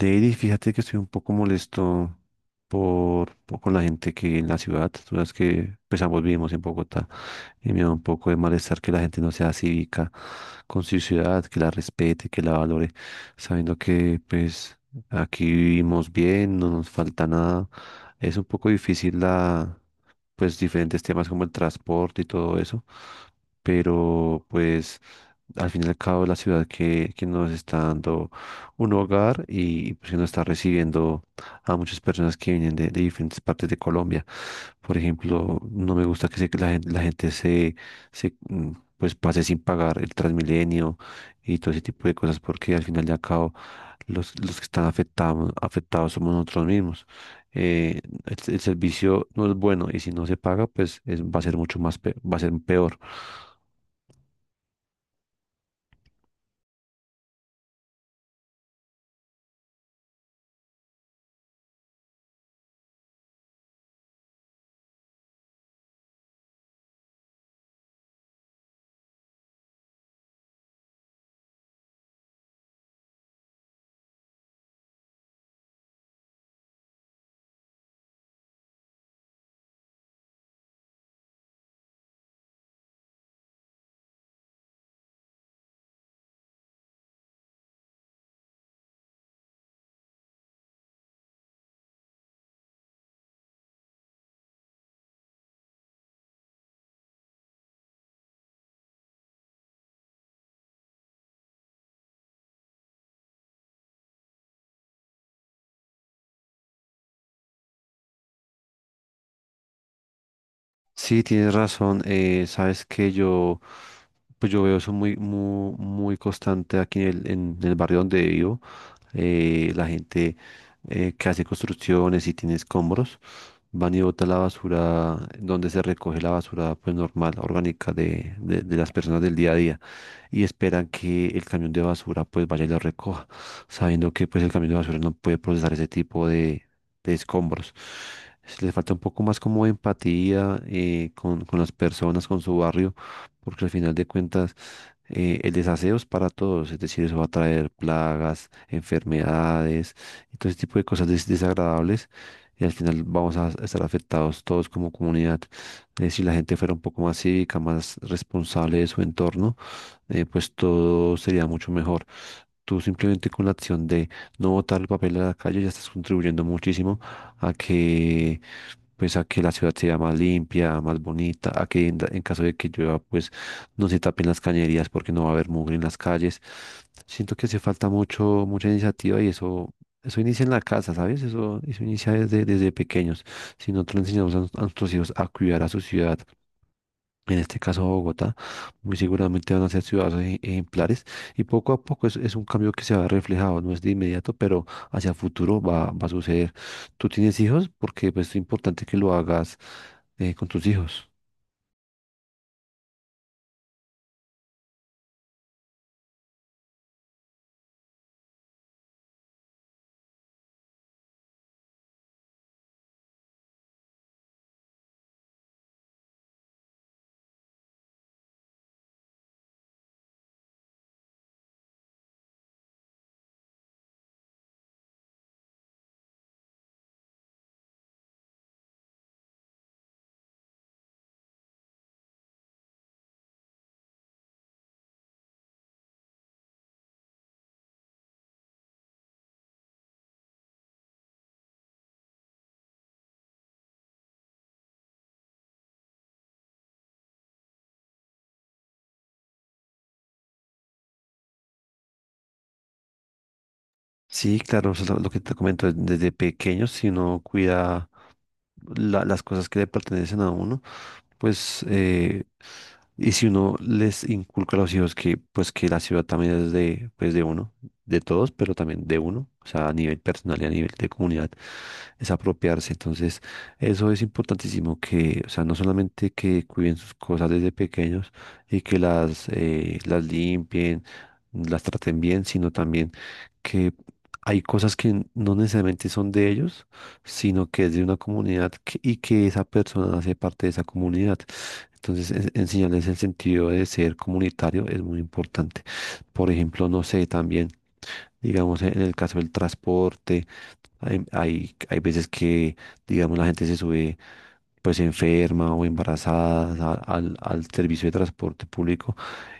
Lady, fíjate que estoy un poco molesto con la gente que en la ciudad, tú sabes que pues ambos vivimos en Bogotá y me da un poco de malestar que la gente no sea cívica con su ciudad, que la respete, que la valore, sabiendo que pues aquí vivimos bien, no nos falta nada. Es un poco difícil pues diferentes temas como el transporte y todo eso, pero pues al fin y al cabo es la ciudad que nos está dando un hogar y pues, que nos está recibiendo a muchas personas que vienen de diferentes partes de Colombia. Por ejemplo, no me gusta que la gente se, mm, pues pase sin pagar el Transmilenio y todo ese tipo de cosas porque al final y al cabo los que están afectados, afectados somos nosotros mismos. Eh, el servicio no es bueno y si no se paga, pues va a ser mucho más, va a ser peor. Sí, tienes razón. Sabes que yo, pues yo veo eso muy constante aquí en en el barrio donde vivo. La gente que hace construcciones y tiene escombros, van y bota la basura donde se recoge la basura, pues normal, orgánica de las personas del día a día. Y esperan que el camión de basura pues vaya y lo recoja, sabiendo que pues el camión de basura no puede procesar ese tipo de escombros. Les falta un poco más como de empatía, con las personas, con su barrio, porque al final de cuentas, el desaseo es para todos, es decir, eso va a traer plagas, enfermedades y todo ese tipo de cosas desagradables y al final vamos a estar afectados todos como comunidad. Si la gente fuera un poco más cívica, más responsable de su entorno, pues todo sería mucho mejor. Tú simplemente con la acción de no botar el papel a la calle ya estás contribuyendo muchísimo a que, pues a que la ciudad sea más limpia, más bonita, a que en caso de que llueva, pues no se tapen las cañerías porque no va a haber mugre en las calles. Siento que hace falta mucho, mucha iniciativa y eso inicia en la casa, ¿sabes? Eso inicia desde, desde pequeños. Si nosotros le enseñamos a nuestros hijos a cuidar a su ciudad, en este caso Bogotá, muy seguramente van a ser ciudadanos ejemplares y poco a poco es un cambio que se va reflejado, no es de inmediato, pero hacia futuro va a suceder. ¿Tú tienes hijos? Porque pues, es importante que lo hagas, con tus hijos. Sí, claro, eso es lo que te comento, desde pequeños, si uno cuida las cosas que le pertenecen a uno, pues, y si uno les inculca a los hijos que, pues, que la ciudad también es de, pues, de uno, de todos, pero también de uno, o sea, a nivel personal y a nivel de comunidad, es apropiarse. Entonces, eso es importantísimo que, o sea, no solamente que cuiden sus cosas desde pequeños y que las limpien, las traten bien, sino también que hay cosas que no necesariamente son de ellos, sino que es de una comunidad y que esa persona hace parte de esa comunidad. Entonces, enseñarles el sentido de ser comunitario es muy importante. Por ejemplo, no sé, también, digamos, en el caso del transporte, hay veces que, digamos, la gente se sube pues enferma o embarazada al servicio de transporte público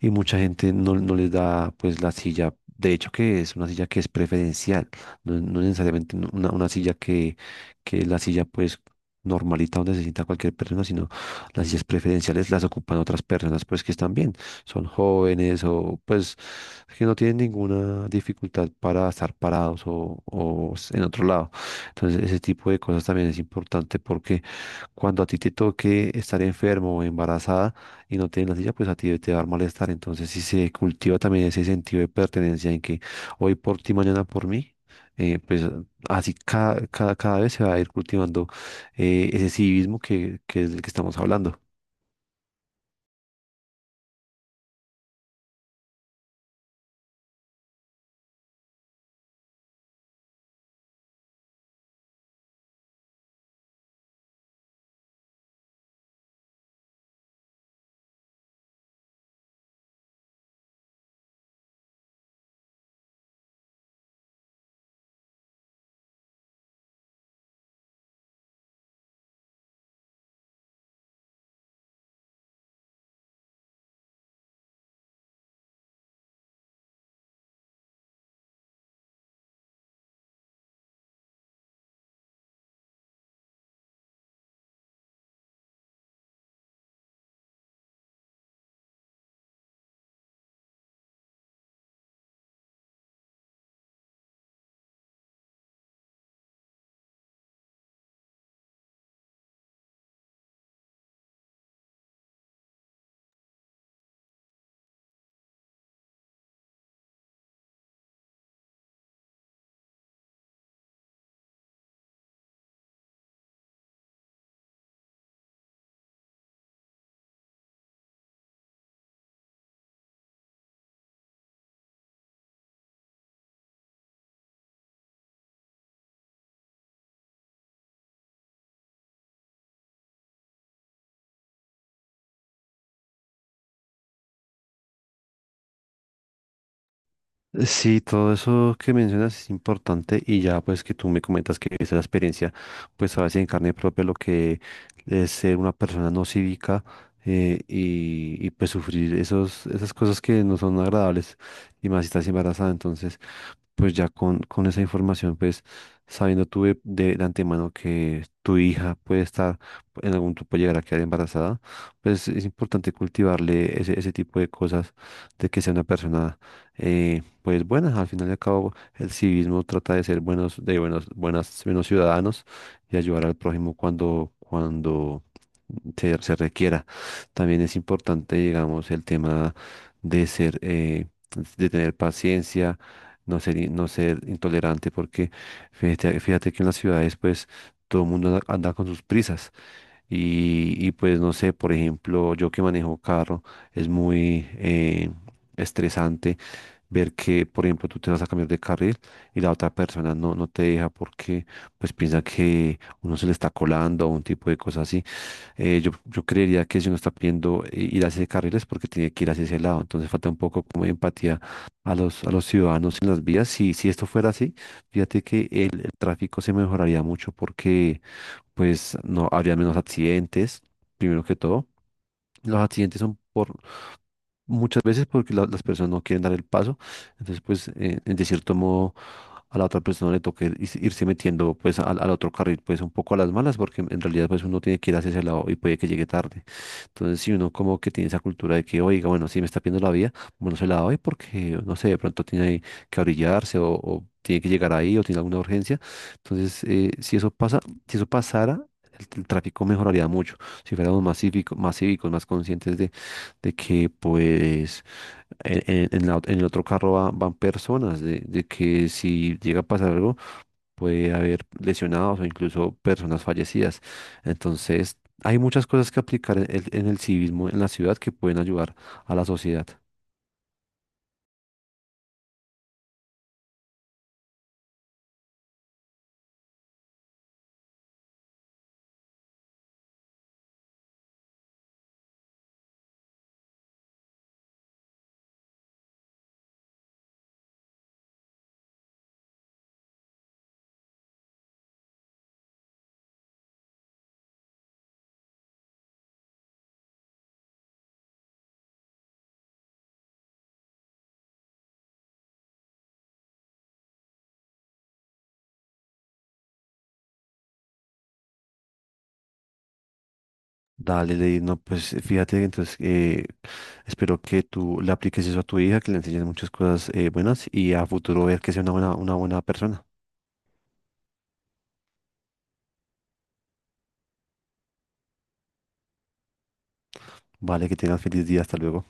y mucha gente no les da pues la silla. De hecho que es una silla que es preferencial, no, no necesariamente una silla que la silla pues normalita donde se sienta cualquier persona, sino las sillas preferenciales las ocupan otras personas pues que están bien, son jóvenes o pues que no tienen ninguna dificultad para estar parados o en otro lado. Entonces ese tipo de cosas también es importante porque cuando a ti te toque estar enfermo o embarazada y no tienes la silla, pues a ti te va a dar malestar. Entonces si se cultiva también ese sentido de pertenencia en que hoy por ti, mañana por mí, eh, pues Así cada vez se va a ir cultivando, ese civismo que es del que estamos hablando. Sí, todo eso que mencionas es importante y ya pues que tú me comentas que esa experiencia pues sabes en carne propia lo que es ser una persona no cívica, y pues sufrir esos, esas cosas que no son agradables y más si estás embarazada. Entonces pues ya con esa información pues sabiendo tú de antemano que tu hija puede estar en algún tiempo llegar a quedar embarazada, pues es importante cultivarle ese, ese tipo de cosas de que sea una persona... pues buenas. Al final y al cabo, el civismo trata de ser buenos, de buenos, buenas, buenos ciudadanos y ayudar al prójimo cuando, cuando se requiera. También es importante, digamos, el tema de ser, de tener paciencia, no ser, no ser intolerante, porque fíjate, fíjate que en las ciudades, pues, todo el mundo anda con sus prisas. Y, pues no sé, por ejemplo, yo que manejo carro, es muy estresante ver que, por ejemplo, tú te vas a cambiar de carril y la otra persona no, no te deja porque pues piensa que uno se le está colando o un tipo de cosas así. Yo creería que si uno está pidiendo, ir hacia ese carril es porque tiene que ir hacia ese lado. Entonces falta un poco como de empatía a a los ciudadanos en las vías. Si, si esto fuera así, fíjate que el tráfico se mejoraría mucho porque pues no habría menos accidentes, primero que todo. Los accidentes son por muchas veces porque las personas no quieren dar el paso. Entonces, pues, de cierto modo, a la otra persona le toca irse metiendo, pues, al otro carril, pues, un poco a las malas, porque en realidad, pues, uno tiene que ir hacia ese lado y puede que llegue tarde. Entonces, si uno como que tiene esa cultura de que, oiga, bueno, si me está pidiendo la vía, bueno, se la doy porque, no sé, de pronto tiene que orillarse o tiene que llegar ahí o tiene alguna urgencia. Entonces, si eso pasa, si eso pasara, el tráfico mejoraría mucho. Si fuéramos más cívicos, más cívicos, más conscientes de que pues en el otro carro van personas, de que si llega a pasar algo puede haber lesionados o incluso personas fallecidas. Entonces, hay muchas cosas que aplicar en el civismo en la ciudad que pueden ayudar a la sociedad. Dale, Lady, no, pues fíjate, entonces, espero que tú le apliques eso a tu hija, que le enseñes muchas cosas, buenas y a futuro ver que sea una buena persona. Vale, que tengas feliz día, hasta luego.